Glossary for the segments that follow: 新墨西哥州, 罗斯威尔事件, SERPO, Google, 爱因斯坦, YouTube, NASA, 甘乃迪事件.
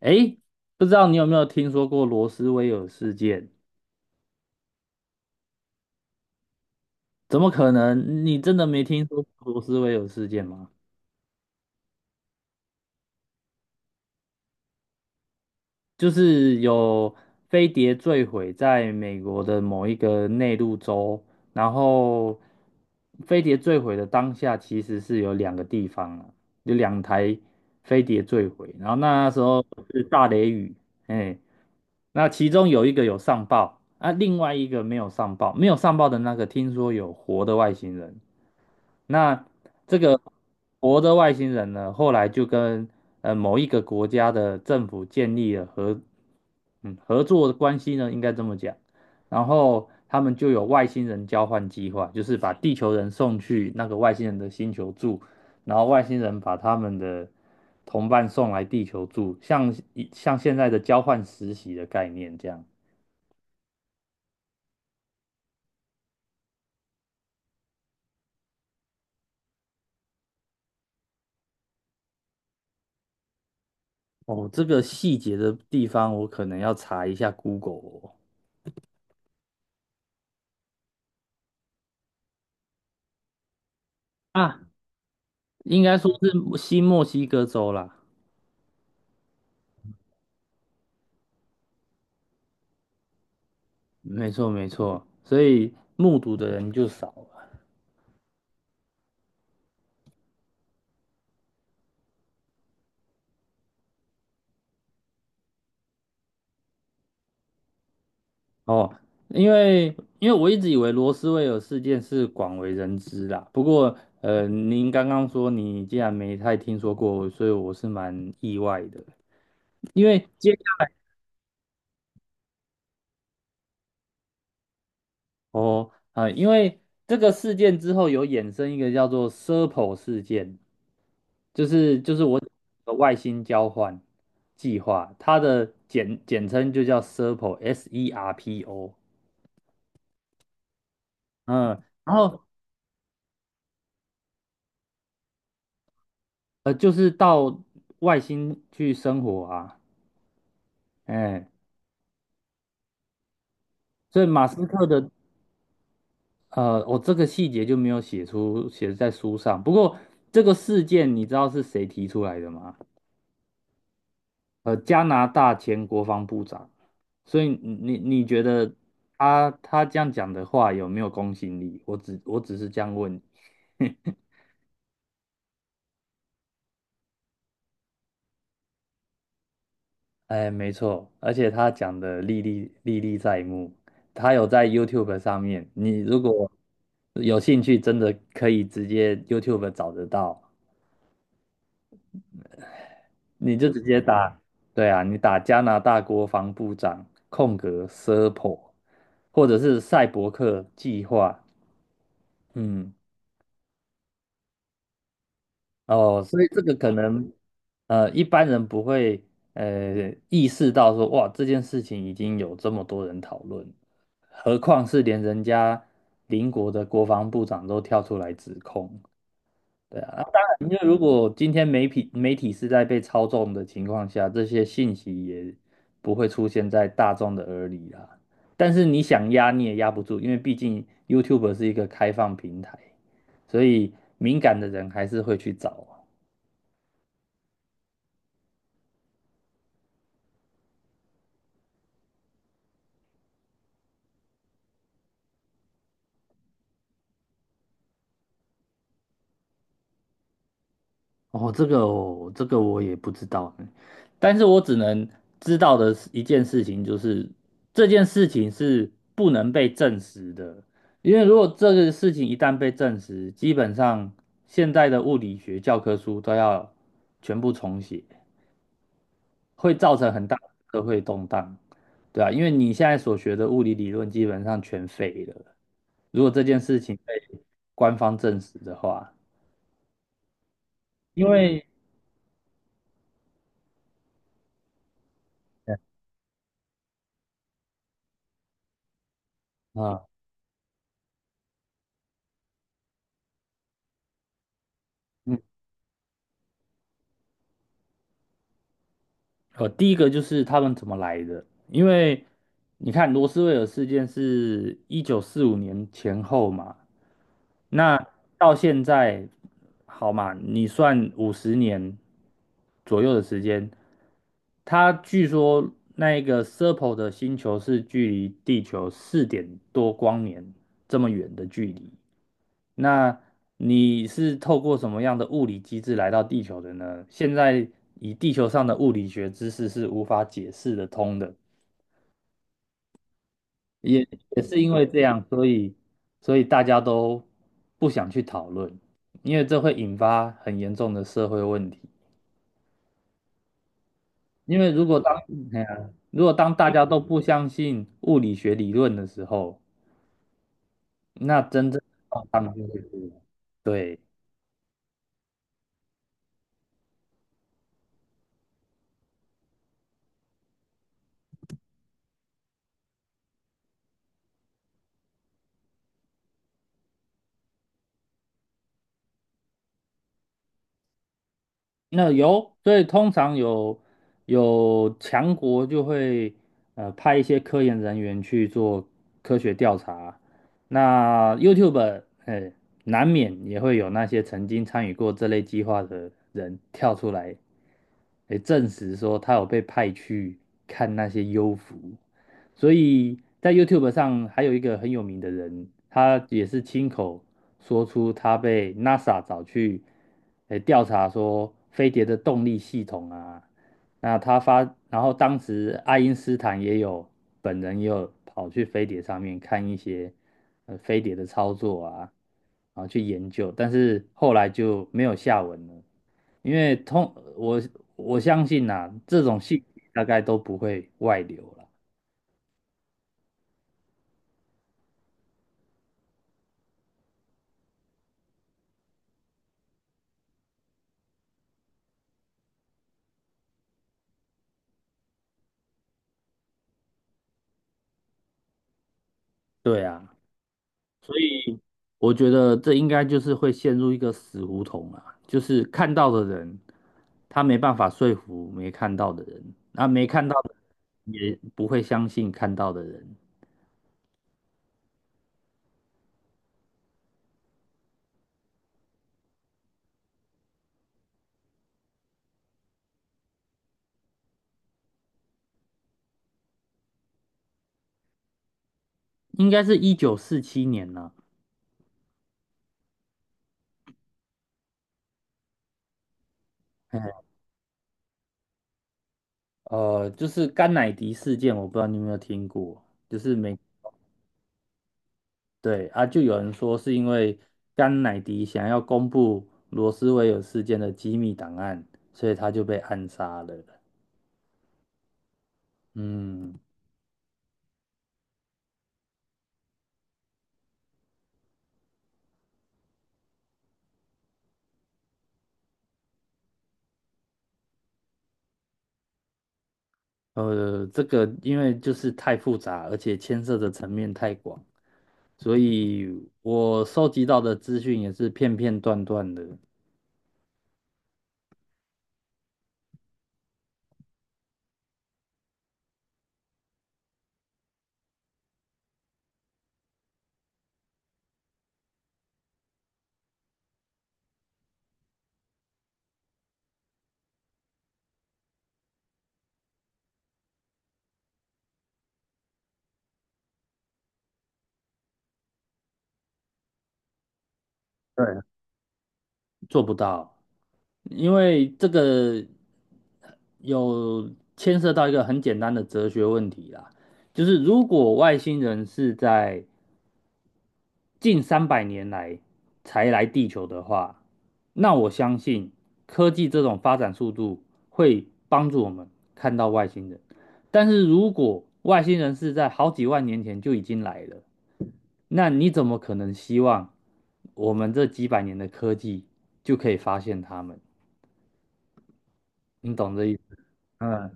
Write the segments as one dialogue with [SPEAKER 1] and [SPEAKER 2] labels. [SPEAKER 1] 诶，不知道你有没有听说过罗斯威尔事件？怎么可能？你真的没听说过罗斯威尔事件吗？就是有飞碟坠毁在美国的某一个内陆州，然后飞碟坠毁的当下，其实是有两个地方啊，有两台飞碟坠毁，然后那时候是大雷雨，哎，那其中有一个有上报啊，另外一个没有上报，没有上报的那个听说有活的外星人。那这个活的外星人呢，后来就跟某一个国家的政府建立了合作的关系呢，应该这么讲。然后他们就有外星人交换计划，就是把地球人送去那个外星人的星球住，然后外星人把他们的同伴送来地球住，像现在的交换实习的概念这样。哦，这个细节的地方我可能要查一下 Google 哦。啊，应该说是新墨西哥州啦，没错没错，所以目睹的人就少了。哦，因为因为我一直以为罗斯威尔事件是广为人知啦，不过您刚刚说你竟然没太听说过，所以我是蛮意外的。因为接下哦啊、呃因为这个事件之后有衍生一个叫做 SERPO 事件，就是我讲的外星交换计划，它的简称就叫 SERPO，S E R P O。嗯，然后就是到外星去生活啊，哎，所以马斯克的呃，我这个细节就没有写在书上。不过这个事件你知道是谁提出来的吗？加拿大前国防部长。所以你觉得他这样讲的话有没有公信力？我只是这样问你。哎，没错，而且他讲的历历在目，他有在 YouTube 上面，你如果有兴趣，真的可以直接 YouTube 找得到。你就直接打，对啊，你打加拿大国防部长空格 SIRPO，或者是赛博克计划，嗯，哦，所以这个可能一般人不会意识到说哇这件事情已经有这么多人讨论，何况是连人家邻国的国防部长都跳出来指控，对啊，然后当然，因为如果今天媒体是在被操纵的情况下，这些信息也不会出现在大众的耳里啦。但是你想压你也压不住，因为毕竟 YouTube 是一个开放平台，所以敏感的人还是会去找啊。哦，这个我也不知道呢。但是我只能知道的是一件事情就是，这件事情是不能被证实的，因为如果这个事情一旦被证实，基本上现在的物理学教科书都要全部重写，会造成很大的社会动荡，对啊，因为你现在所学的物理理论基本上全废了，如果这件事情被官方证实的话，因为啊。嗯第一个就是他们怎么来的，因为你看罗斯威尔事件是1945年前后嘛，那到现在好嘛，你算50年左右的时间，他据说那一个 Serpo 的星球是距离地球四点多光年这么远的距离，那你是透过什么样的物理机制来到地球的呢？现在以地球上的物理学知识是无法解释得通的，也也是因为这样，所以大家都不想去讨论，因为这会引发很严重的社会问题。因为如果当哎呀，如果当大家都不相信物理学理论的时候，那真正的状况就会是，对。那有，所以通常有强国就会派一些科研人员去做科学调查。那 YouTube 哎，难免也会有那些曾经参与过这类计划的人跳出来，诶证实说他有被派去看那些幽浮。所以在 YouTube 上还有一个很有名的人，他也是亲口说出他被 NASA 找去，诶调查说飞碟的动力系统啊。那他发，然后当时爱因斯坦也有本人也有跑去飞碟上面看一些飞碟的操作啊，然后去研究，但是后来就没有下文了。因为通我相信呐、这种信息大概都不会外流了。对啊，所以我觉得这应该就是会陷入一个死胡同啊，就是看到的人，他没办法说服没看到的人，那没看到的人也不会相信看到的人。应该是1947年呢、嘿就是甘乃迪事件，我不知道你有没有听过，就是美，对啊，就有人说是因为甘乃迪想要公布罗斯威尔事件的机密档案，所以他就被暗杀了。嗯。这个因为就是太复杂，而且牵涉的层面太广，所以我收集到的资讯也是片片段段的，对，做不到。因为这个有牵涉到一个很简单的哲学问题啦，就是如果外星人是在近三百年来才来地球的话，那我相信科技这种发展速度会帮助我们看到外星人。但是如果外星人是在好几万年前就已经来了，那你怎么可能希望我们这几百年的科技就可以发现他们？你懂这意思？嗯，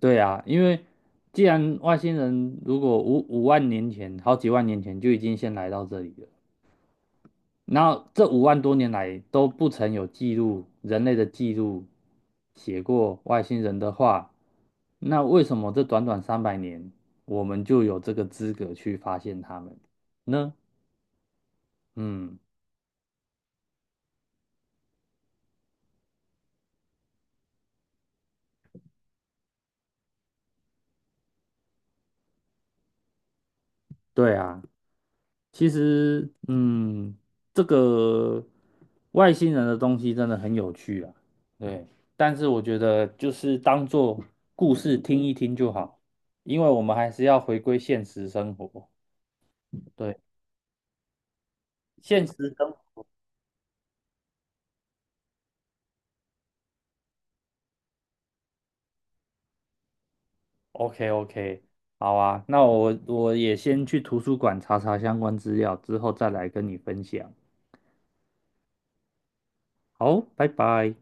[SPEAKER 1] 对啊，因为既然外星人如果五万年前、好几万年前就已经先来到这里了，然后这5万多年来都不曾有记录，人类的记录写过外星人的话，那为什么这短短三百年，我们就有这个资格去发现他们呢？嗯，对啊，其实，嗯，这个外星人的东西真的很有趣啊，对，但是我觉得就是当做故事听一听就好，因为我们还是要回归现实生活。对。现实生 OK OK，好啊，那我也先去图书馆查查相关资料，之后再来跟你分享。好，拜拜。